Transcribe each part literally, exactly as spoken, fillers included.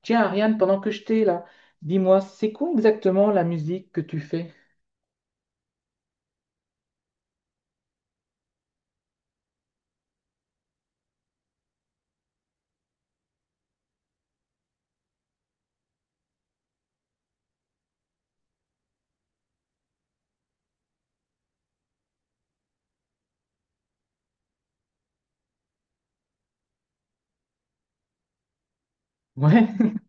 Tiens, Ariane, pendant que je t'ai là, dis-moi, c'est quoi exactement la musique que tu fais? Ouais,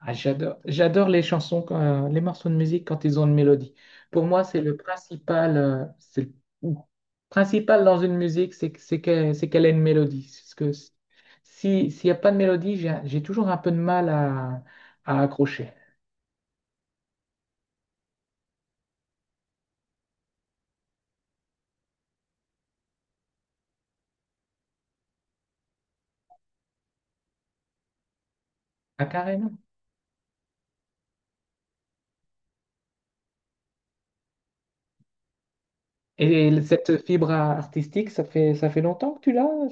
Ah, j'adore, j'adore les chansons, quand- euh, les morceaux de musique quand ils ont une mélodie. Pour moi, c'est le principal, euh, c'est le ou, principal dans une musique, c'est que- c'est qu'elle, c'est qu'elle ait une mélodie. Parce que si- si- s'il n'y a pas de mélodie, j'ai j'ai toujours un peu de mal à, à accrocher. Ah, carrément. Et cette fibre artistique, ça fait, ça fait longtemps que tu l'as?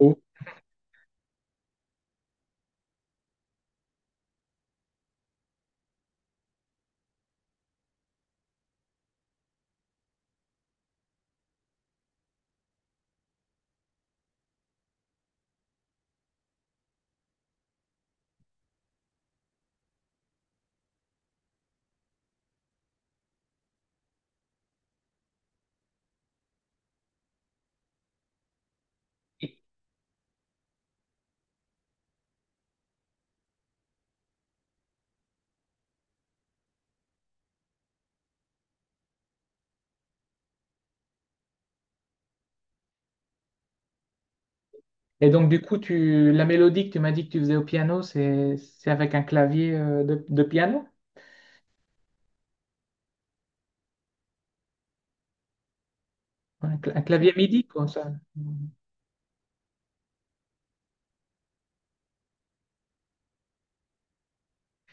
Oh. Et donc, du coup, tu, la mélodie que tu m'as dit que tu faisais au piano, c'est, c'est avec un clavier euh, de, de piano? Un, cla- un clavier MIDI, quoi, ça.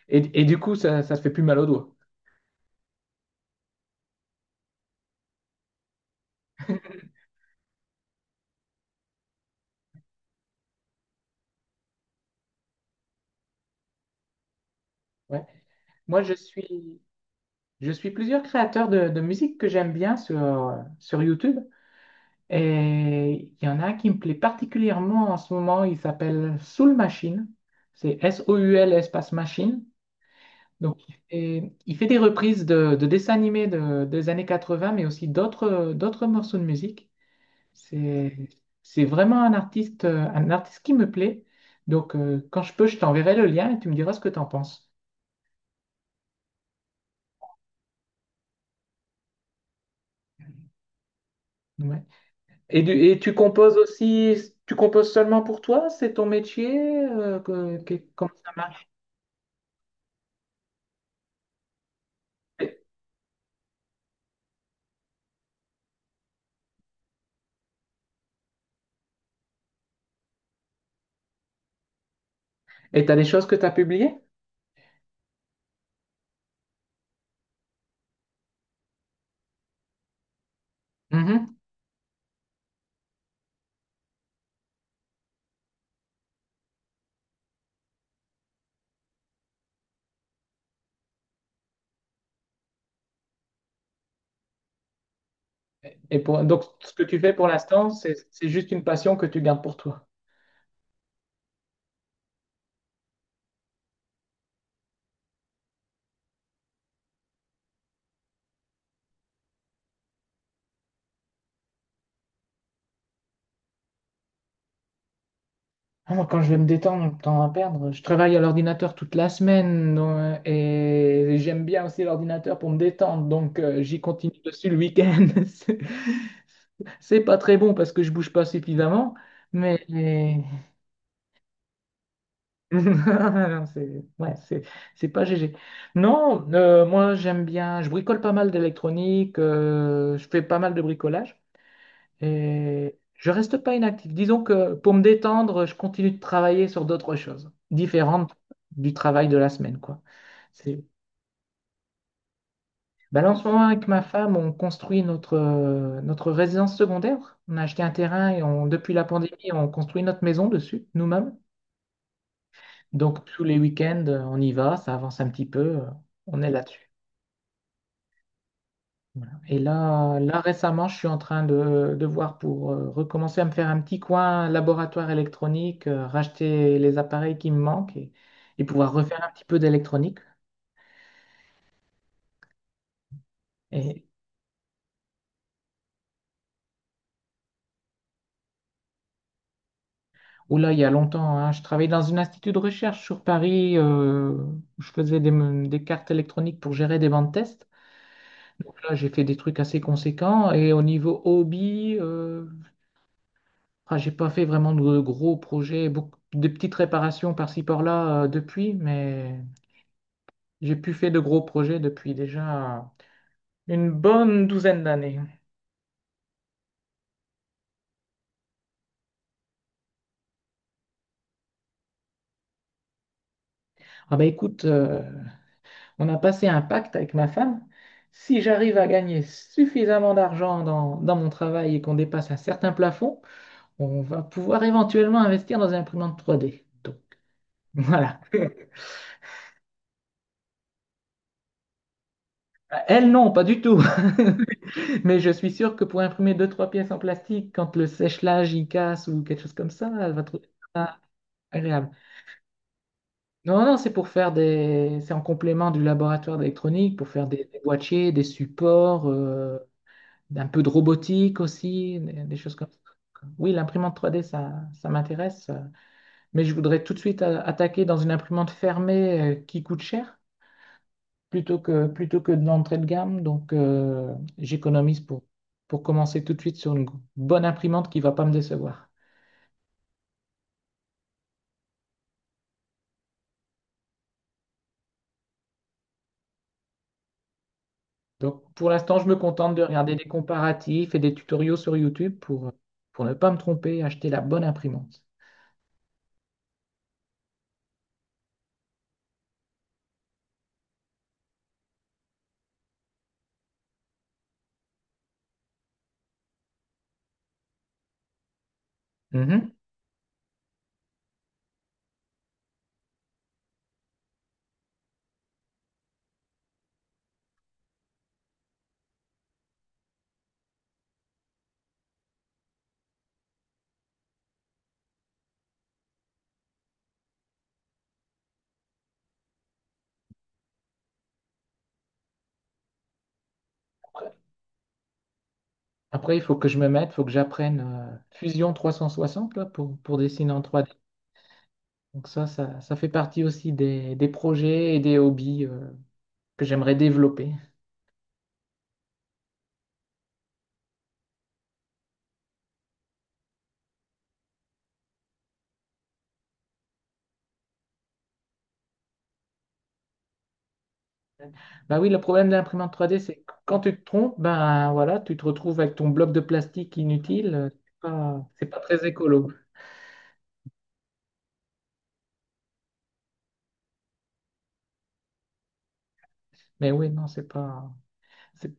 Et, et du coup, ça, ça se fait plus mal aux doigts. Ouais. Moi, je suis, je suis plusieurs créateurs de, de musique que j'aime bien sur, sur YouTube. Et il y en a un qui me plaît particulièrement en ce moment. Il s'appelle Soul Machine. C'est S O U L espace machine. Donc, il fait, il fait des reprises de, de dessins animés de- des années quatre-vingt, mais aussi d'autres, d'autres morceaux de musique. C'est, c'est vraiment un artiste, euh, un artiste qui me plaît. Donc, euh, quand je peux, je t'enverrai le lien et tu me diras ce que tu en penses. Ouais. Et, du- et tu composes aussi, tu composes seulement pour toi? C'est ton métier? euh, que- que- comment ça marche? Et tu as des choses que tu as publiées? Mhm. Et pour, donc, ce que tu fais pour l'instant, c'est c'est juste une passion que tu gardes pour toi. Ah, Moi, quand je vais me détendre, temps à perdre, je travaille à l'ordinateur toute la semaine donc, euh, et j'aime bien aussi l'ordinateur pour me détendre, donc euh, j'y continue dessus le week-end. C'est c'est pas très bon parce que je bouge pas suffisamment, mais non, c'est ouais, c'est c'est pas G G. Non, euh, moi j'aime bien, je bricole pas mal d'électronique, euh, je fais pas mal de bricolage. Et je reste pas inactif. Disons que pour me détendre, je continue de travailler sur d'autres choses différentes du travail de la semaine, quoi. C'est... Ben là, en ce moment, avec ma femme, on construit notre, euh, notre résidence secondaire. On a acheté un terrain et on, depuis la pandémie, on construit notre maison dessus, nous-mêmes. Donc, tous les week-ends, on y va, ça avance un petit peu, euh, on est là-dessus. Voilà. Et là, là, récemment, je suis en train de, de voir pour euh, recommencer à me faire un petit coin laboratoire électronique, euh, racheter les appareils qui me manquent et, et pouvoir refaire un petit peu d'électronique. Et où là, il y a longtemps, hein, je travaillais dans un institut de recherche sur Paris, euh, où je faisais des, des cartes électroniques pour gérer des bancs de tests. Donc là, j'ai fait des trucs assez conséquents. Et au niveau hobby, euh, ah, j'ai pas fait vraiment de gros projets, beaucoup, de petites réparations par-ci par-là, euh, depuis, mais. J'ai pu faire de gros projets depuis déjà une bonne douzaine d'années. Ah ben écoute, euh, on a passé un pacte avec ma femme. Si j'arrive à gagner suffisamment d'argent dans, dans mon travail et qu'on dépasse un certain plafond, on va pouvoir éventuellement investir dans une imprimante trois D. Donc, voilà. Elle, non, pas du tout. Mais je suis sûr que pour imprimer deux, trois pièces en plastique, quand le sèche-linge y casse ou quelque chose comme ça, elle va trouver ça agréable. Non, non, c'est pour faire des. C'est en complément du laboratoire d'électronique, pour faire des, des boîtiers, des supports, euh, un peu de robotique aussi, des, des choses comme ça. Oui, l'imprimante trois D, ça, ça m'intéresse. Mais je voudrais tout de suite a- attaquer dans une imprimante fermée euh, qui coûte cher, plutôt que, plutôt que de l'entrée de gamme. Donc, euh, j'économise pour, pour commencer tout de suite sur une bonne imprimante qui ne va pas me décevoir. Donc, pour l'instant, je me contente de regarder des comparatifs et des tutoriaux sur YouTube pour, pour ne pas me tromper et acheter la bonne imprimante. Mhm. Après, il faut que je me mette, il faut que j'apprenne euh, Fusion trois cent soixante là, pour, pour dessiner en trois D. Donc ça, ça, ça fait partie aussi des, des projets et des hobbies euh, que j'aimerais développer. Bah oui, le problème de l'imprimante trois D, c'est que quand tu te trompes, ben voilà, tu te retrouves avec ton bloc de plastique inutile. euh, C'est pas, c'est pas très écolo. Mais oui, non, c'est pas, c'est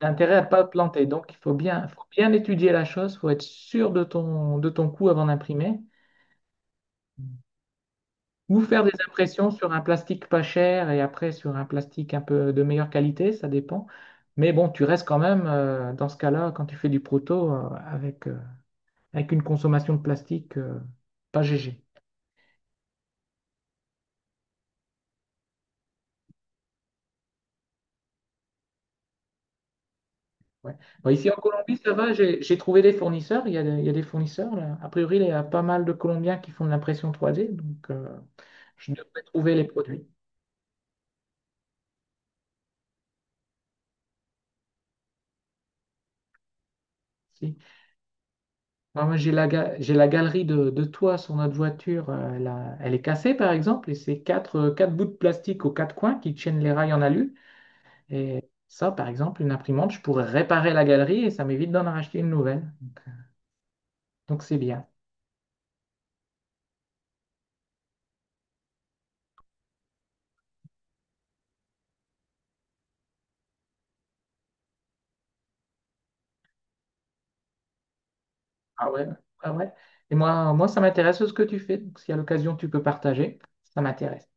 L'intérêt à pas planter. Donc, il faut bien, faut bien étudier la chose, faut être sûr de ton, de ton coût avant d'imprimer. Ou faire des impressions sur un plastique pas cher et après sur un plastique un peu de meilleure qualité, ça dépend. Mais bon, tu restes quand même, euh, dans ce cas-là, quand tu fais du proto, euh, avec, euh, avec une consommation de plastique, euh, pas G G. Ouais. Bon, ici en Colombie, ça va, j'ai j'ai trouvé des fournisseurs, il y a des, il y a des fournisseurs. là. A priori, il y a pas mal de Colombiens qui font de l'impression trois D, donc euh, je devrais trouver les produits. Si. Non, moi, j'ai la, ga- j'ai la galerie de, de toit sur notre voiture. euh, Elle, a- elle est cassée, par exemple, et c'est quatre, euh, quatre bouts de plastique aux quatre coins qui tiennent les rails en alu. Et ça, par exemple, une imprimante, je pourrais réparer la galerie et ça m'évite d'en racheter une nouvelle. Donc, c'est bien. Ah ouais, ah ouais. Et moi, moi ça m'intéresse ce que tu fais. Donc, si à l'occasion, tu peux partager, ça m'intéresse.